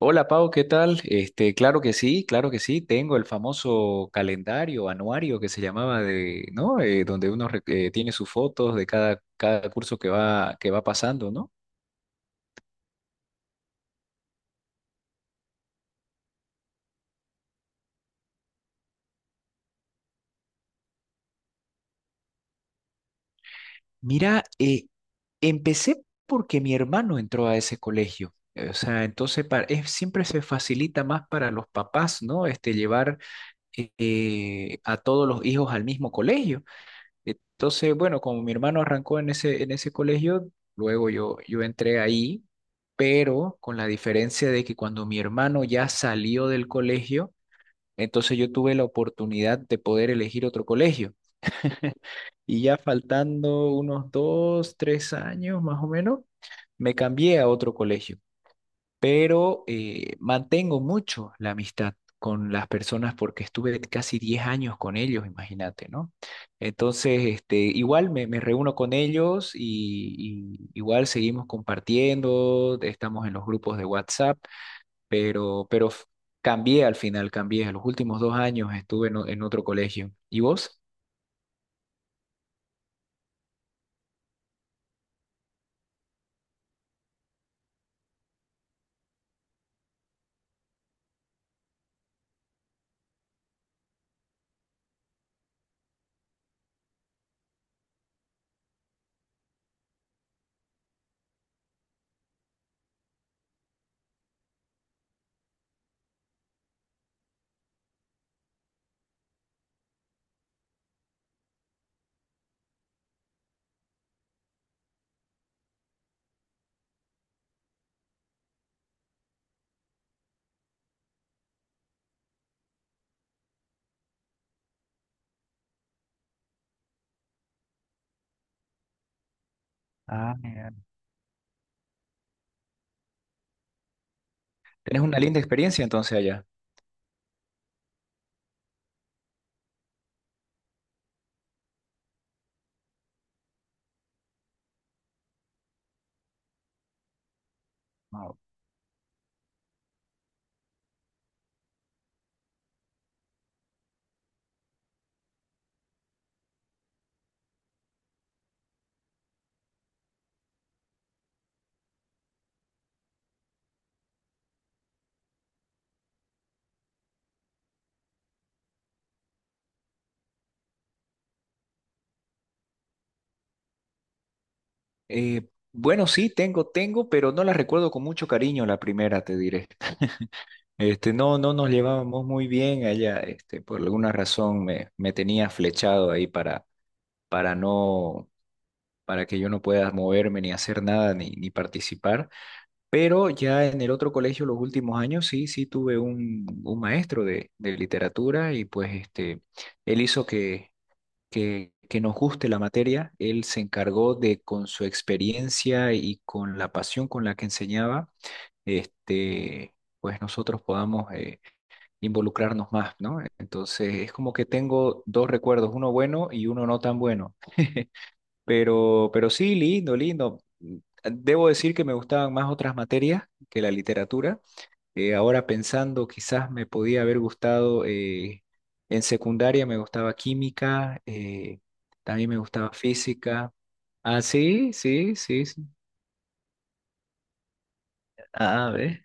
Hola Pau, ¿qué tal? Este, claro que sí, claro que sí. Tengo el famoso calendario anuario que se llamaba de, ¿no? Donde uno tiene sus fotos de cada curso que va pasando, ¿no? Mira, empecé porque mi hermano entró a ese colegio. O sea, entonces siempre se facilita más para los papás, ¿no? Este, llevar a todos los hijos al mismo colegio. Entonces, bueno, como mi hermano arrancó en ese colegio, luego yo entré ahí, pero con la diferencia de que cuando mi hermano ya salió del colegio, entonces yo tuve la oportunidad de poder elegir otro colegio. Y ya faltando unos 2, 3 años más o menos, me cambié a otro colegio, pero mantengo mucho la amistad con las personas porque estuve casi 10 años con ellos, imagínate, ¿no? Entonces, este, igual me reúno con ellos y igual seguimos compartiendo, estamos en los grupos de WhatsApp, pero cambié al final, cambié. A los últimos 2 años estuve en otro colegio. ¿Y vos? Ah, mira. ¿Tenés una linda experiencia entonces allá? No. Eh, bueno, sí, tengo, pero no la recuerdo con mucho cariño la primera, te diré. Este, no, no nos llevábamos muy bien allá, este, por alguna razón me tenía flechado ahí para no, para que yo no pueda moverme ni hacer nada ni participar. Pero ya en el otro colegio los últimos años sí, sí tuve un maestro de literatura y pues este, él hizo que nos guste la materia. Él se encargó de, con su experiencia y con la pasión con la que enseñaba, este, pues nosotros podamos involucrarnos más, ¿no? Entonces es como que tengo dos recuerdos, uno bueno y uno no tan bueno. Pero sí, lindo, lindo. Debo decir que me gustaban más otras materias que la literatura. Ahora pensando, quizás me podía haber gustado, en secundaria me gustaba química, también me gustaba física. Ah, sí, sí, sí, sí. Ah, ¿ves?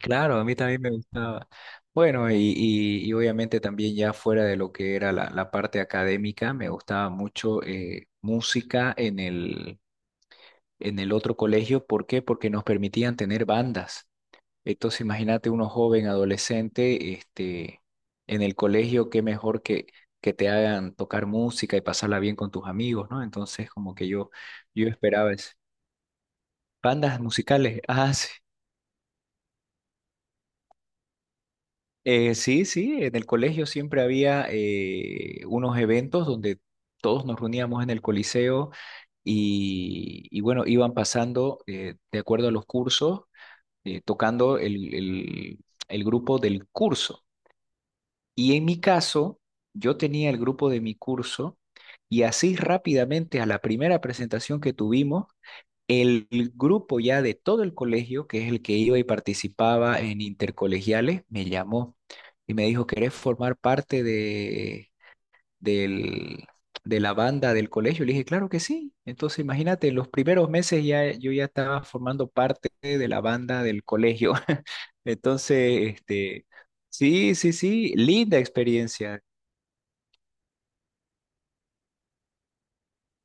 Claro, a mí también me gustaba. Bueno, y obviamente también ya fuera de lo que era la parte académica, me gustaba mucho música en el otro colegio. ¿Por qué? Porque nos permitían tener bandas. Entonces, imagínate, uno joven, adolescente, este, en el colegio, qué mejor que te hagan tocar música y pasarla bien con tus amigos, ¿no? Entonces, como que yo esperaba eso. Bandas musicales, ah, sí. Sí, sí, en el colegio siempre había unos eventos donde todos nos reuníamos en el Coliseo y bueno, iban pasando, de acuerdo a los cursos, tocando el grupo del curso. Y en mi caso, yo tenía el grupo de mi curso y así rápidamente, a la primera presentación que tuvimos, el grupo ya de todo el colegio, que es el que iba y participaba en intercolegiales, me llamó y me dijo, ¿querés formar parte del- de la banda del colegio? Le dije, claro que sí. Entonces, imagínate, en los primeros meses ya yo ya estaba formando parte de la banda del colegio. Entonces, este, sí, sí, sí, linda experiencia.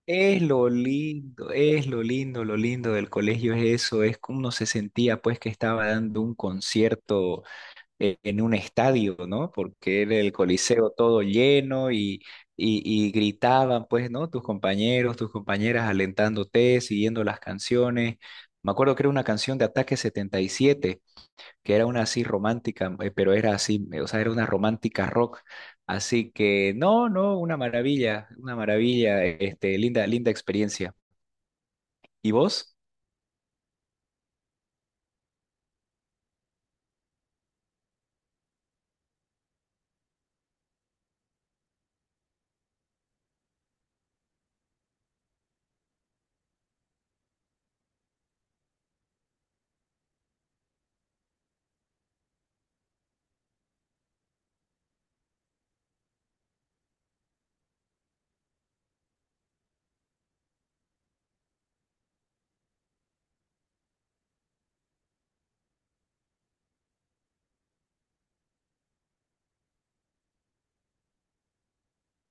Es lo lindo del colegio es eso, es como uno se sentía pues que estaba dando un concierto, en un estadio, ¿no? Porque era el coliseo todo lleno y, y gritaban pues, ¿no? Tus compañeros, tus compañeras alentándote, siguiendo las canciones. Me acuerdo que era una canción de Ataque 77, que era una así romántica, pero era así, o sea, era una romántica rock. Así que no, no, una maravilla, este, linda, linda experiencia. ¿Y vos?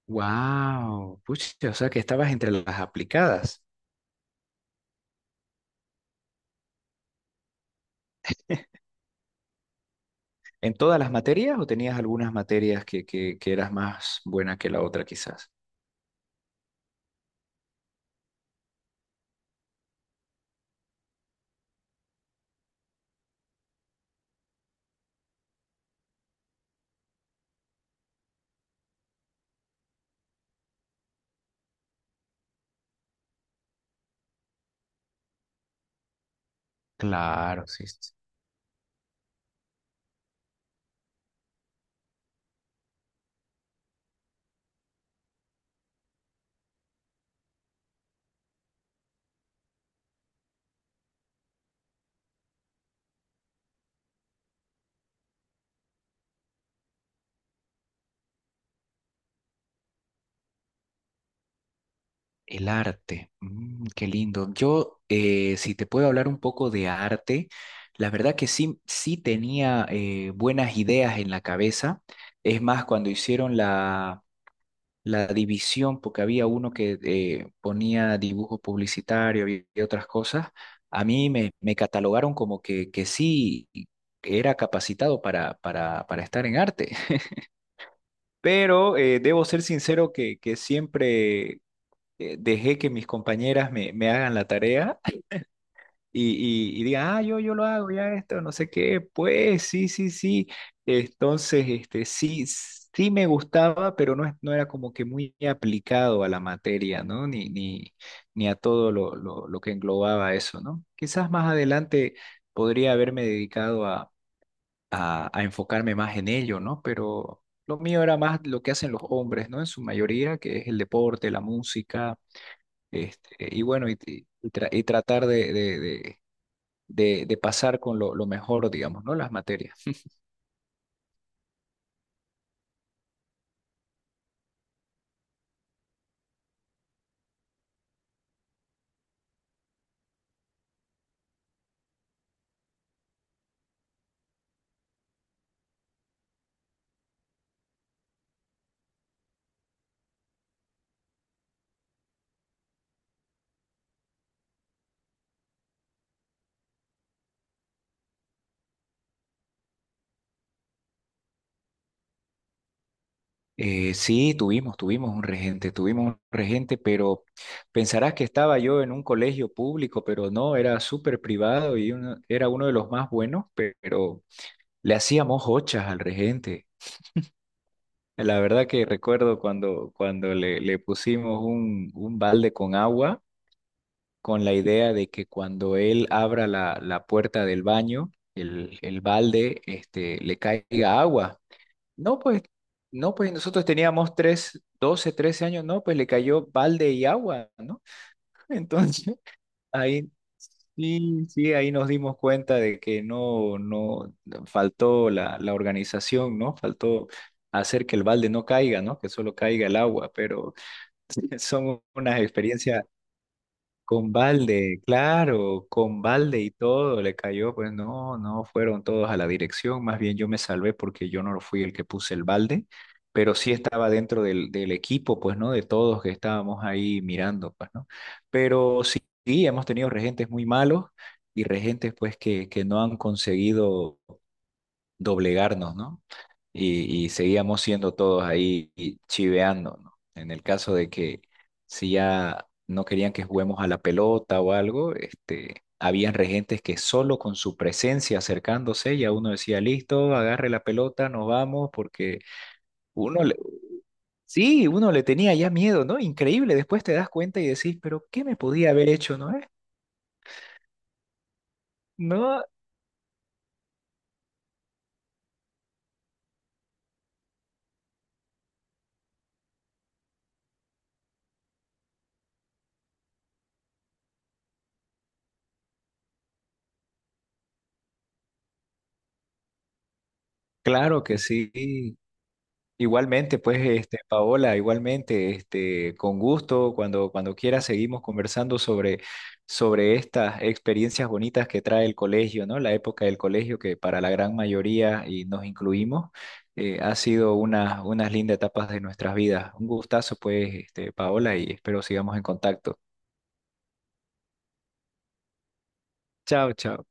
Wow, pucha, o sea que estabas entre las aplicadas. ¿En todas las materias o tenías algunas materias que eras más buena que la otra quizás? Claro, sí, sí. El arte, mm, qué lindo. Yo, si te puedo hablar un poco de arte, la verdad que sí, sí tenía, buenas ideas en la cabeza. Es más, cuando hicieron la división, porque había uno que ponía dibujo publicitario y otras cosas, a mí me catalogaron como que sí era capacitado para estar en arte. Pero debo ser sincero que siempre, dejé que mis compañeras me hagan la tarea y digan, ah, yo lo hago, ya esto, no sé qué, pues sí, sí, sí. Entonces, este, sí, sí me gustaba, pero no, no era como que muy aplicado a la materia, ¿no? Ni a todo lo que englobaba eso, ¿no? Quizás más adelante podría haberme dedicado a enfocarme más en ello, ¿no? Pero lo mío era más lo que hacen los hombres, ¿no? En su mayoría, que es el deporte, la música, este, y bueno, y tratar de pasar con lo mejor, digamos, ¿no? Las materias. Sí, tuvimos un regente, pero pensarás que estaba yo en un colegio público, pero no, era súper privado, y era uno de los más buenos, pero le hacíamos hochas al regente. La verdad que recuerdo cuando le pusimos un balde con agua, con la idea de que cuando él abra la puerta del baño, el balde, este, le caiga agua. No, pues, no, pues nosotros teníamos 12, 13 años, no, pues le cayó balde y agua, ¿no? Entonces, ahí sí, sí, ahí nos dimos cuenta de que no, no, faltó la organización, ¿no? Faltó hacer que el balde no caiga, ¿no? Que solo caiga el agua, pero... son unas experiencias. Con balde, claro, con balde y todo le cayó pues, no, no fueron todos a la dirección, más bien yo me salvé porque yo no fui el que puse el balde, pero sí estaba dentro del equipo, pues no, de todos que estábamos ahí mirando, pues no. Pero sí, sí, hemos tenido regentes muy malos y regentes pues que no han conseguido doblegarnos, ¿no? Y seguíamos siendo todos ahí chiveando, ¿no? En el caso de que si ya no querían que juguemos a la pelota o algo, este, habían regentes que solo con su presencia acercándose, ya uno decía, listo, agarre la pelota, nos vamos, porque uno le, sí, uno le tenía ya miedo, ¿no? Increíble, después te das cuenta y decís, pero ¿qué me podía haber hecho, no es? No, claro que sí. Igualmente, pues, este, Paola, igualmente, este, con gusto, cuando quieras seguimos conversando sobre estas experiencias bonitas que trae el colegio, ¿no? La época del colegio que para la gran mayoría, y nos incluimos, ha sido unas lindas etapas de nuestras vidas. Un gustazo, pues, este, Paola, y espero sigamos en contacto. Chao, chao.